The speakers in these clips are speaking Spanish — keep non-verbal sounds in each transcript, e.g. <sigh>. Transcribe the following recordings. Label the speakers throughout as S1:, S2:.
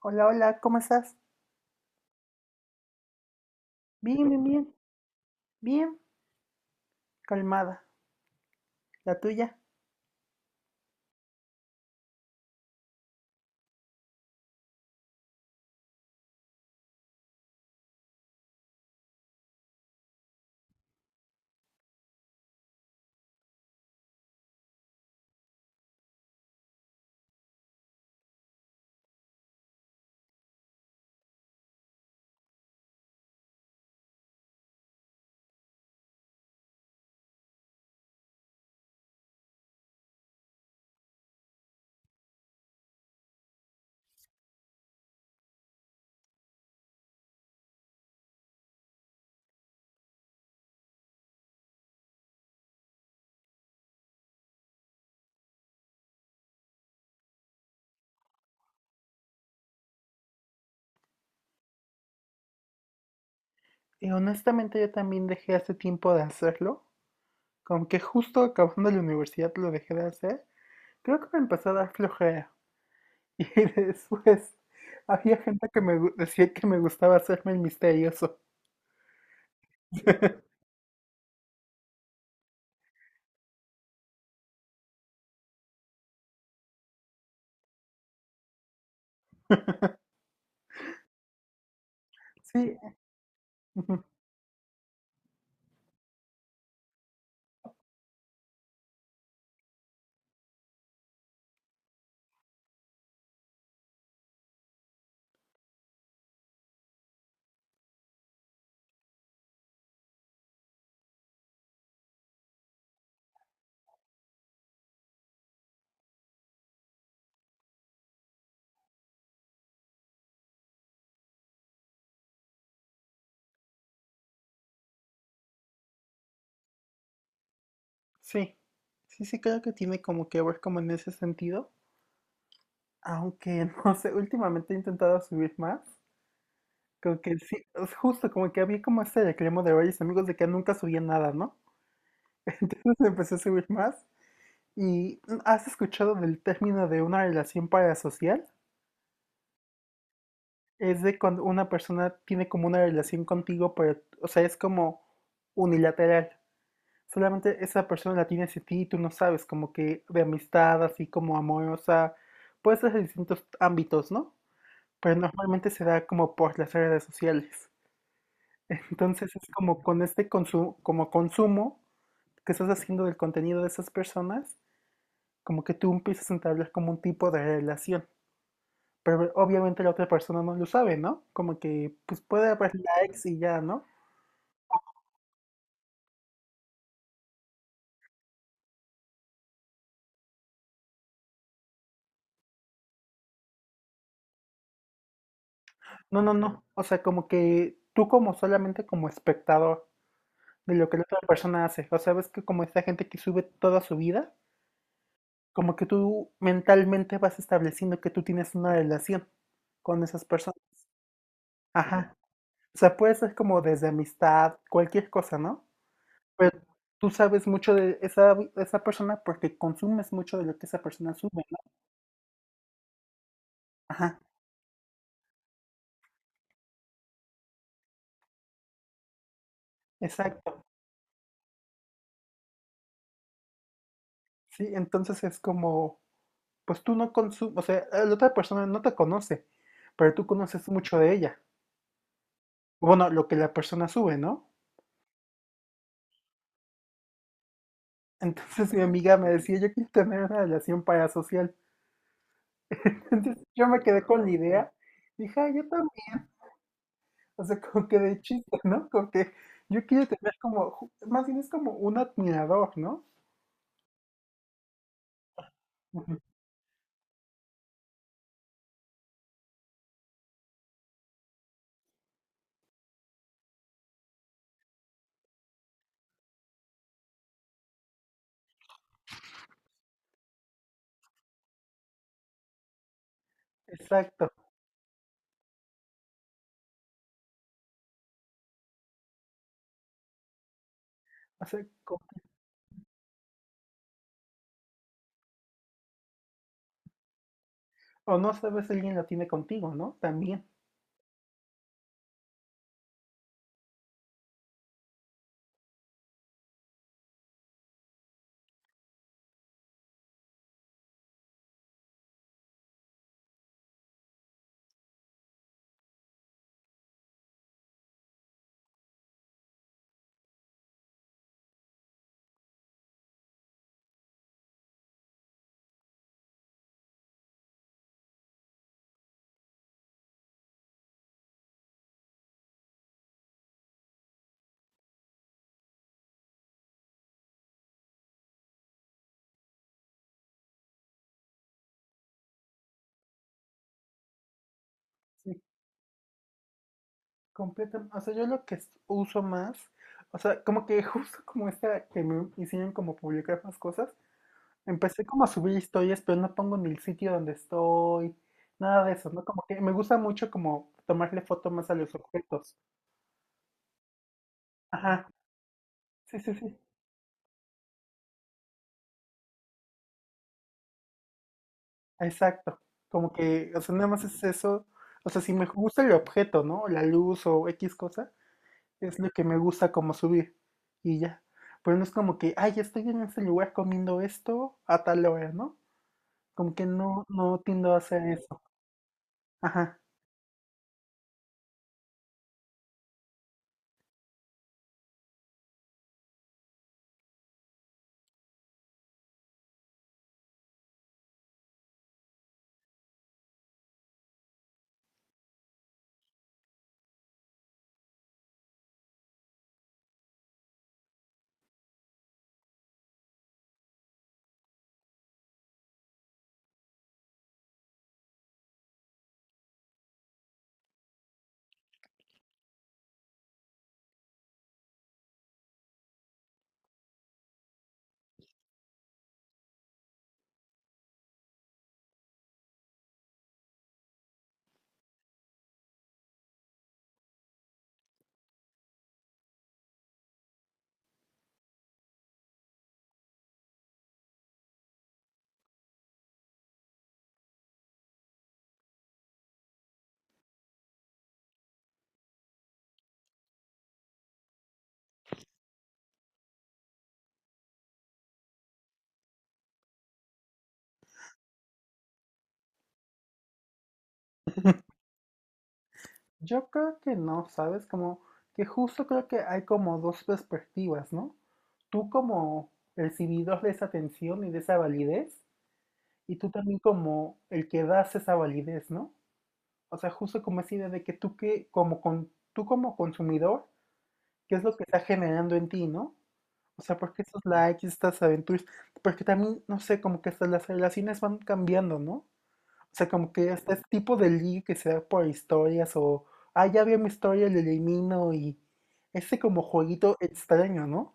S1: Hola, hola, ¿cómo estás? Bien, bien, bien, bien, calmada. ¿La tuya? Y honestamente yo también dejé hace tiempo de hacerlo, como que justo acabando la universidad lo dejé de hacer. Creo que me empezó a dar flojera. <laughs> Y después había gente que decía que me gustaba hacerme el misterioso. <laughs> Sí, ujú, sí, sí, creo que tiene como que ver como en ese sentido. Aunque <laughs> no sé, últimamente he intentado subir más. Como que sí, es justo como que había como este reclamo de varios amigos de que nunca subía nada, ¿no? <laughs> Entonces empecé a subir más. ¿Y has escuchado del término de una relación parasocial? Es de cuando una persona tiene como una relación contigo, pero, o sea, es como unilateral. Solamente esa persona la tiene hacia ti y tú no sabes, como que de amistad, así como amorosa. Puede ser de distintos ámbitos, ¿no? Pero normalmente se da como por las redes sociales. Entonces es como con este consumo, como consumo que estás haciendo del contenido de esas personas, como que tú empiezas a entablar como un tipo de relación. Pero obviamente la otra persona no lo sabe, ¿no? Como que pues puede haber likes y ya, ¿no? No, no, no. O sea, como que tú como solamente como espectador de lo que la otra persona hace. O sea, ves que como esta gente que sube toda su vida, como que tú mentalmente vas estableciendo que tú tienes una relación con esas personas. Ajá. O sea, puede ser como desde amistad, cualquier cosa, ¿no? Pero tú sabes mucho de esa persona porque consumes mucho de lo que esa persona sube, ¿no? Ajá, exacto. Sí, entonces es como, pues tú no consumes, o sea, la otra persona no te conoce, pero tú conoces mucho de ella. Bueno, lo que la persona sube, ¿no? Entonces <laughs> mi amiga me decía, yo quiero tener una relación parasocial. <laughs> Entonces yo me quedé con la idea, dije, "Ay, yo <laughs> O sea, como que de chiste, ¿no? Como que yo quiero tener como, más bien es como un admirador, ¿no? Ujú, exacto. O sea, o no sabes si alguien lo tiene contigo, ¿no? También. Sí, completamente. O sea, yo lo que uso más, o sea, como que <laughs> justo como esta que me hicieron como publicar más cosas, empecé como a subir historias, pero no pongo ni el sitio donde estoy, nada de eso, ¿no? Como que me gusta mucho como tomarle foto más a los objetos. Ajá, sí. Exacto, como que, o sea, nada más es eso, o sea, si me gusta el objeto, ¿no? La luz o X cosa, es lo que me gusta como subir y ya. Pero no es como que, ay, estoy en este lugar comiendo esto a tal hora, ¿no? Como que no, no tiendo a hacer eso. Ajá, yo creo que no, ¿sabes? Como que justo creo que hay como dos perspectivas, ¿no? Tú como recibidor de esa atención y de esa validez, y tú también como el que das esa validez, ¿no? O sea, justo como esa idea de que tú que, como con, tú como consumidor, ¿qué es lo que está generando en ti, no? O sea, porque estos likes, estas aventuras, porque también, no sé, como que hasta las relaciones van cambiando, ¿no? O sea, como que hasta este tipo de ligue que se da por historias o, ah, ya vi mi historia, le elimino y ese como jueguito extraño, ¿no?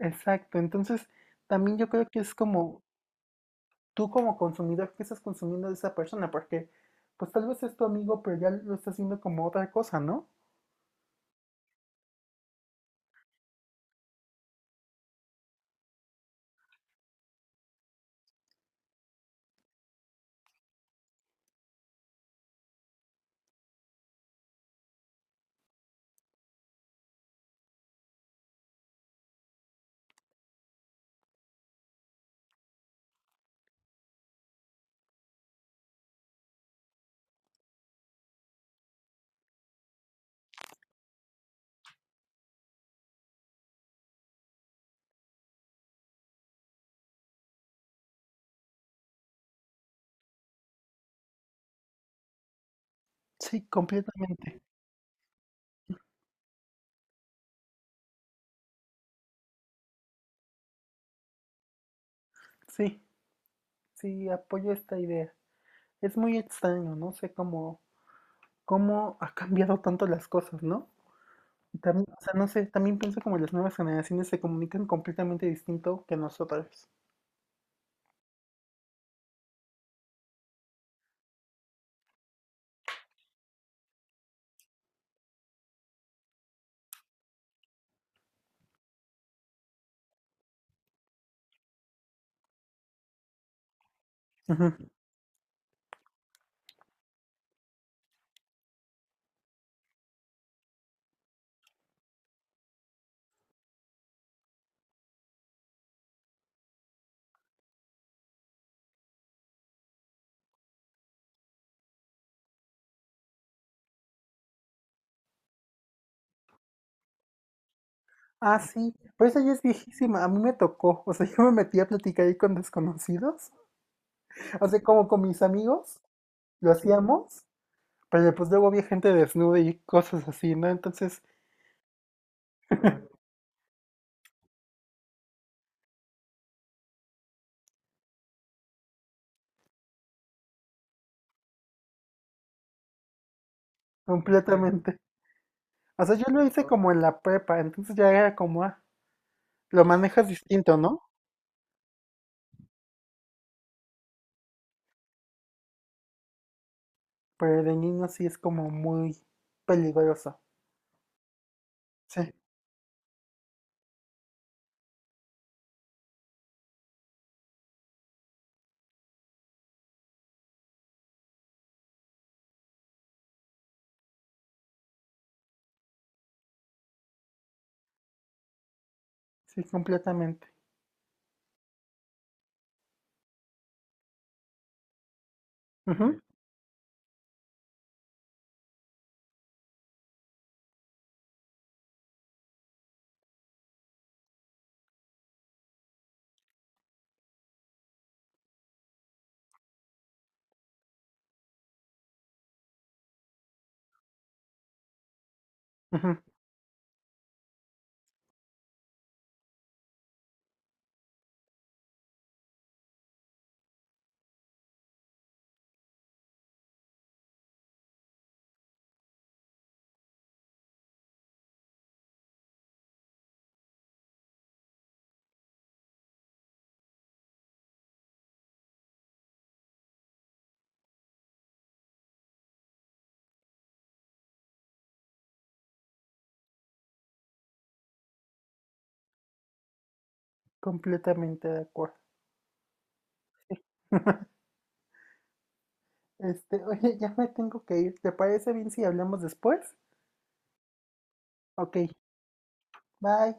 S1: Exacto, entonces también yo creo que es como tú como consumidor, ¿qué estás consumiendo de esa persona? Porque pues tal vez es tu amigo, pero ya lo estás viendo como otra cosa, ¿no? Sí, completamente. Sí, sí, apoyo esta idea. Es muy extraño, no sé cómo, cómo ha cambiado tanto las cosas, ¿no? Y también, o sea, no sé, también pienso como las nuevas generaciones se comunican completamente distinto que nosotros. Ujú. Ah, sí, pero esa ya es viejísima, a mí me tocó, o sea, <laughs> yo me metí a platicar ahí con desconocidos, o sea, como con mis amigos, lo hacíamos. Pero pues luego había gente desnuda y cosas así, ¿no? Entonces, completamente. O sea, yo lo hice como en la prepa, entonces ya era como, ah, lo manejas distinto, ¿no? Pero de niño sí es como muy peligroso. Sí, sí, completamente. Ujú, ujú, completamente de acuerdo. <laughs> Este, oye, ya me tengo que ir. ¿Te parece bien si hablamos después? Ok, bye.